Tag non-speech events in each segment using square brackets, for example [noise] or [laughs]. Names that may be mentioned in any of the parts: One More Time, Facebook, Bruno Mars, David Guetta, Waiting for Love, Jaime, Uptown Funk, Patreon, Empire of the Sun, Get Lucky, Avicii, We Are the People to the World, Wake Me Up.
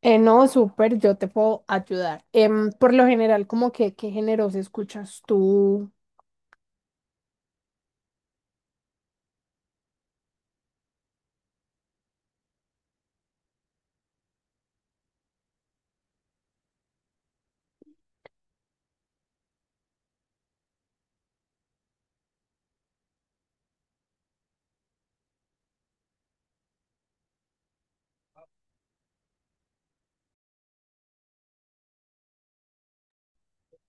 No, súper, yo te puedo ayudar. Por lo general, como que, ¿qué géneros escuchas tú?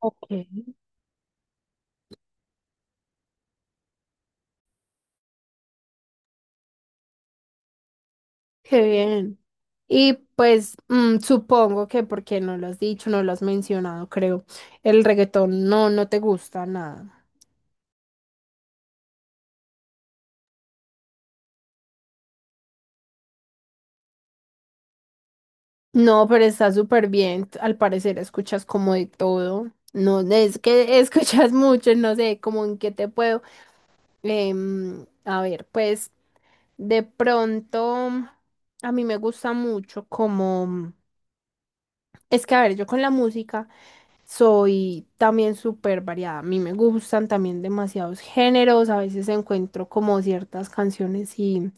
Ok. Qué bien. Y pues supongo que porque no lo has dicho, no lo has mencionado, creo. El reggaetón no, no te gusta nada. No, pero está súper bien. Al parecer escuchas como de todo. No, es que [laughs] escuchas mucho, no sé, como en qué te puedo. A ver, pues de pronto a mí me gusta mucho. Como... Es que, a ver, yo con la música soy también súper variada. A mí me gustan también demasiados géneros. A veces encuentro como ciertas canciones y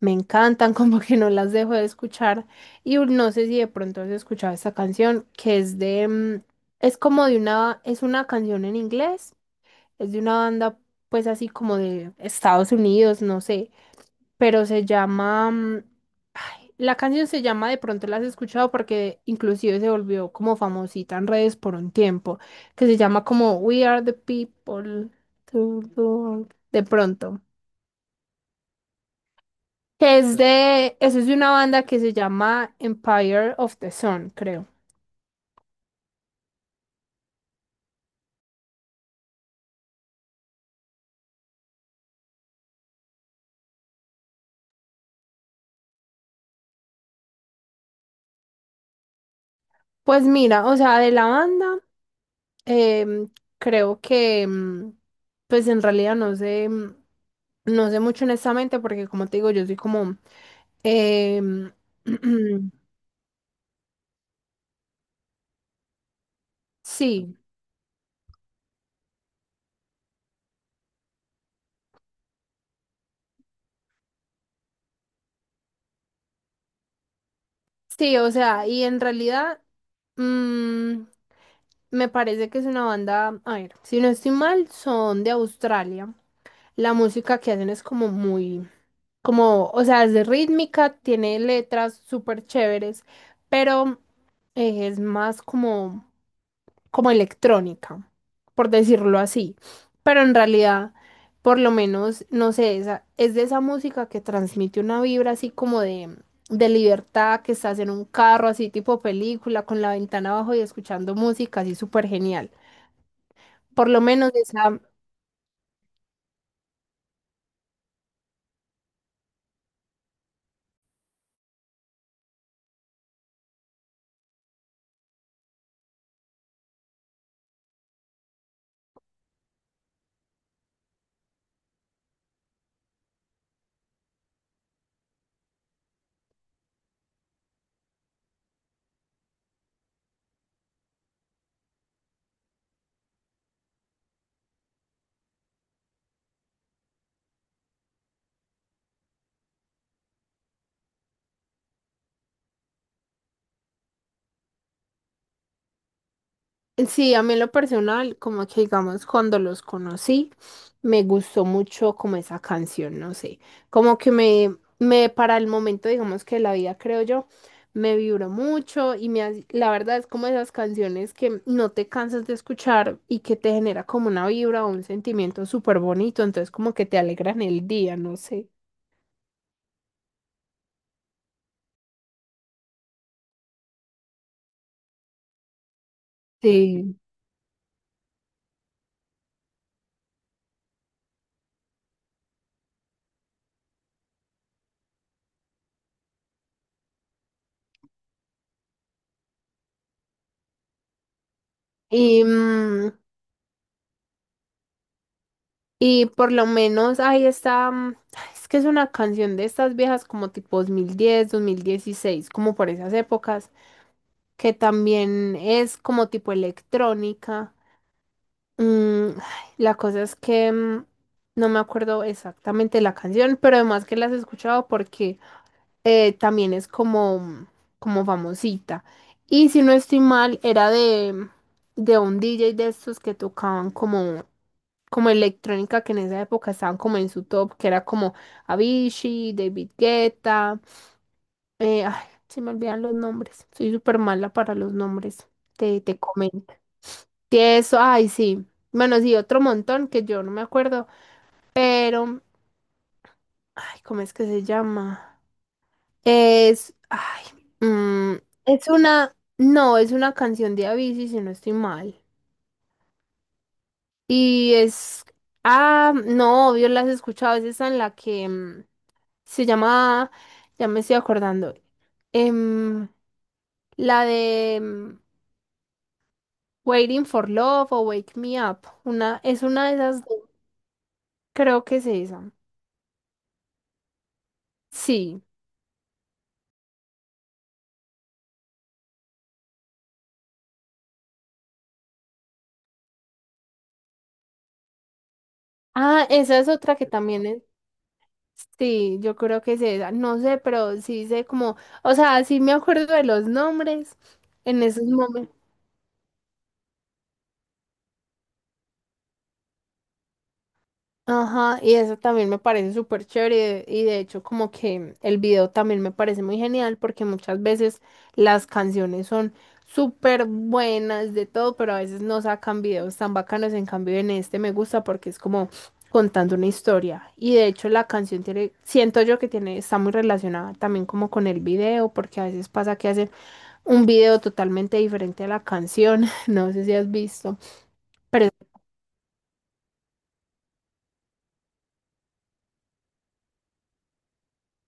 me encantan, [laughs] como que no las dejo de escuchar. Y no sé si de pronto has escuchado esta canción. Que es de... mm, Es como de una... Es una canción en inglés. Es de una banda, pues así como de Estados Unidos, no sé. Pero se llama. La canción se llama. De pronto la has escuchado porque inclusive se volvió como famosita en redes por un tiempo. Que se llama como We Are the People to the World. De pronto. Que es de. Eso es de una banda que se llama Empire of the Sun, creo. Pues mira, o sea, de la banda, em, creo que, pues en realidad no sé, no sé mucho honestamente, porque como te digo, yo soy como, em, [clears throat] sí. Sí, o sea, y en realidad mm, me parece que es una banda, a ver, si no estoy mal, son de Australia. La música que hacen es como muy, como, o sea, es de rítmica, tiene letras súper chéveres, pero es más como electrónica, por decirlo así. Pero en realidad, por lo menos, no sé, esa, es de esa música que transmite una vibra así como de libertad, que estás en un carro así tipo película, con la ventana abajo y escuchando música así súper genial. Por lo menos esa, sí, a mí en lo personal, como que digamos, cuando los conocí, me gustó mucho como esa canción, no sé, como que me para el momento, digamos que la vida, creo yo, me vibró mucho y la verdad es como esas canciones que no te cansas de escuchar y que te genera como una vibra o un sentimiento súper bonito, entonces como que te alegran el día, no sé. Sí. Y, mm, Y por lo menos ahí está, ay, es que es una canción de estas viejas como tipo dos mil diez 2016, como por esas épocas, que también es como tipo electrónica. Ay, la cosa es que no me acuerdo exactamente la canción, pero además que las he escuchado porque también es como famosita. Y si no estoy mal, era de un DJ de estos que tocaban como, como electrónica, que en esa época estaban como en su top, que era como Avicii, David Guetta. Ay, se me olvidan los nombres. Soy súper mala para los nombres. Te comento. Sí, eso, ay, sí. Bueno, sí, otro montón que yo no me acuerdo, pero, ay, ¿cómo es que se llama? Es, ay, mm, es una, no, es una canción de Avicii, si no estoy mal. Y es, ah, no, obvio, la has escuchado, es esa en la que se llama, ya me estoy acordando, em, la de Waiting for Love o Wake Me Up, una, es una de esas dos, creo que es esa. Sí. Ah, esa es otra que también es. Sí, yo creo que es esa, no sé, pero sí sé como, o sea, sí me acuerdo de los nombres en esos momentos. Ajá, y eso también me parece súper chévere, y de hecho como que el video también me parece muy genial, porque muchas veces las canciones son súper buenas de todo, pero a veces no sacan videos tan bacanos. En cambio, en este me gusta porque es como contando una historia, y de hecho la canción tiene, siento yo que tiene, está muy relacionada también como con el video, porque a veces pasa que hacen un video totalmente diferente a la canción, [laughs] no sé si has visto, pero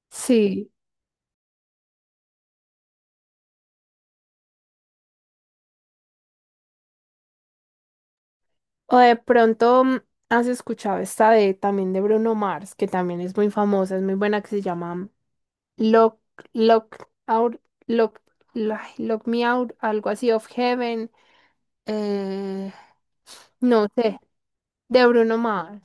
sí, o de pronto has escuchado esta de también de Bruno Mars, que también es muy famosa, es muy buena, que se llama Lock, Lock Out, Lock, Lock Me Out, algo así, of Heaven, eh, no sé, de Bruno Mars.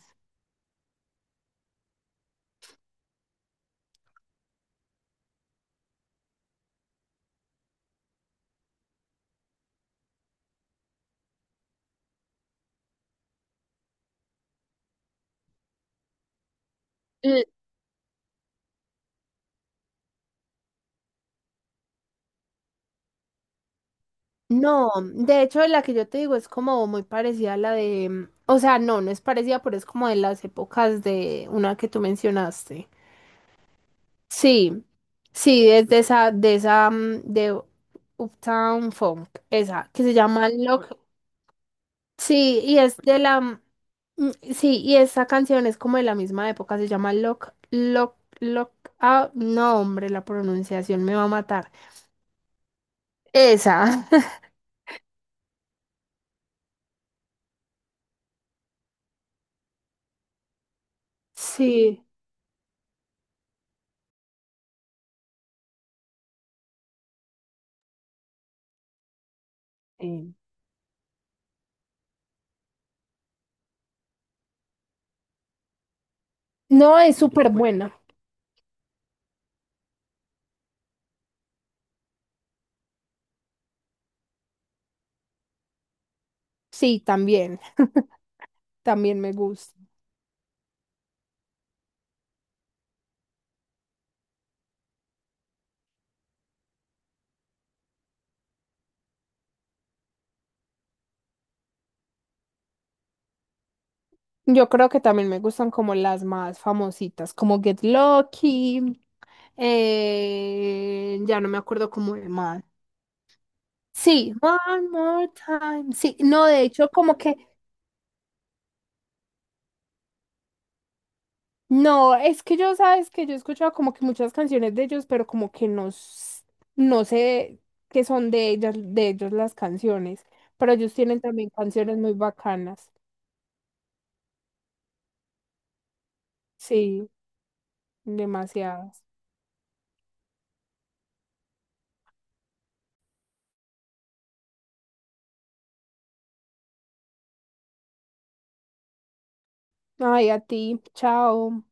L- No, de hecho la que yo te digo es como muy parecida a la de, mm, o sea, no, no es parecida, pero es como de las épocas de una que tú mencionaste. Sí, sí, es de esa, de Uptown Funk, esa, que se llama Lock. Sí, y es de la, sí, y esa canción es como de la misma época, se llama Lock, Lock, Lock, ah, no, hombre, la pronunciación me va a matar. Esa, [laughs] sí. Sí. No, es súper buena. Sí, también, también me gusta. Yo creo que también me gustan como las más famositas, como Get Lucky, ya no me acuerdo cómo de más. Sí, One More Time. Sí, no, de hecho, como que, no, es que yo, sabes que yo he escuchado como que muchas canciones de ellos, pero como que no, no sé qué son de ellas, de ellos las canciones, pero ellos tienen también canciones muy bacanas. Sí, demasiadas. Ay, a ti, chao.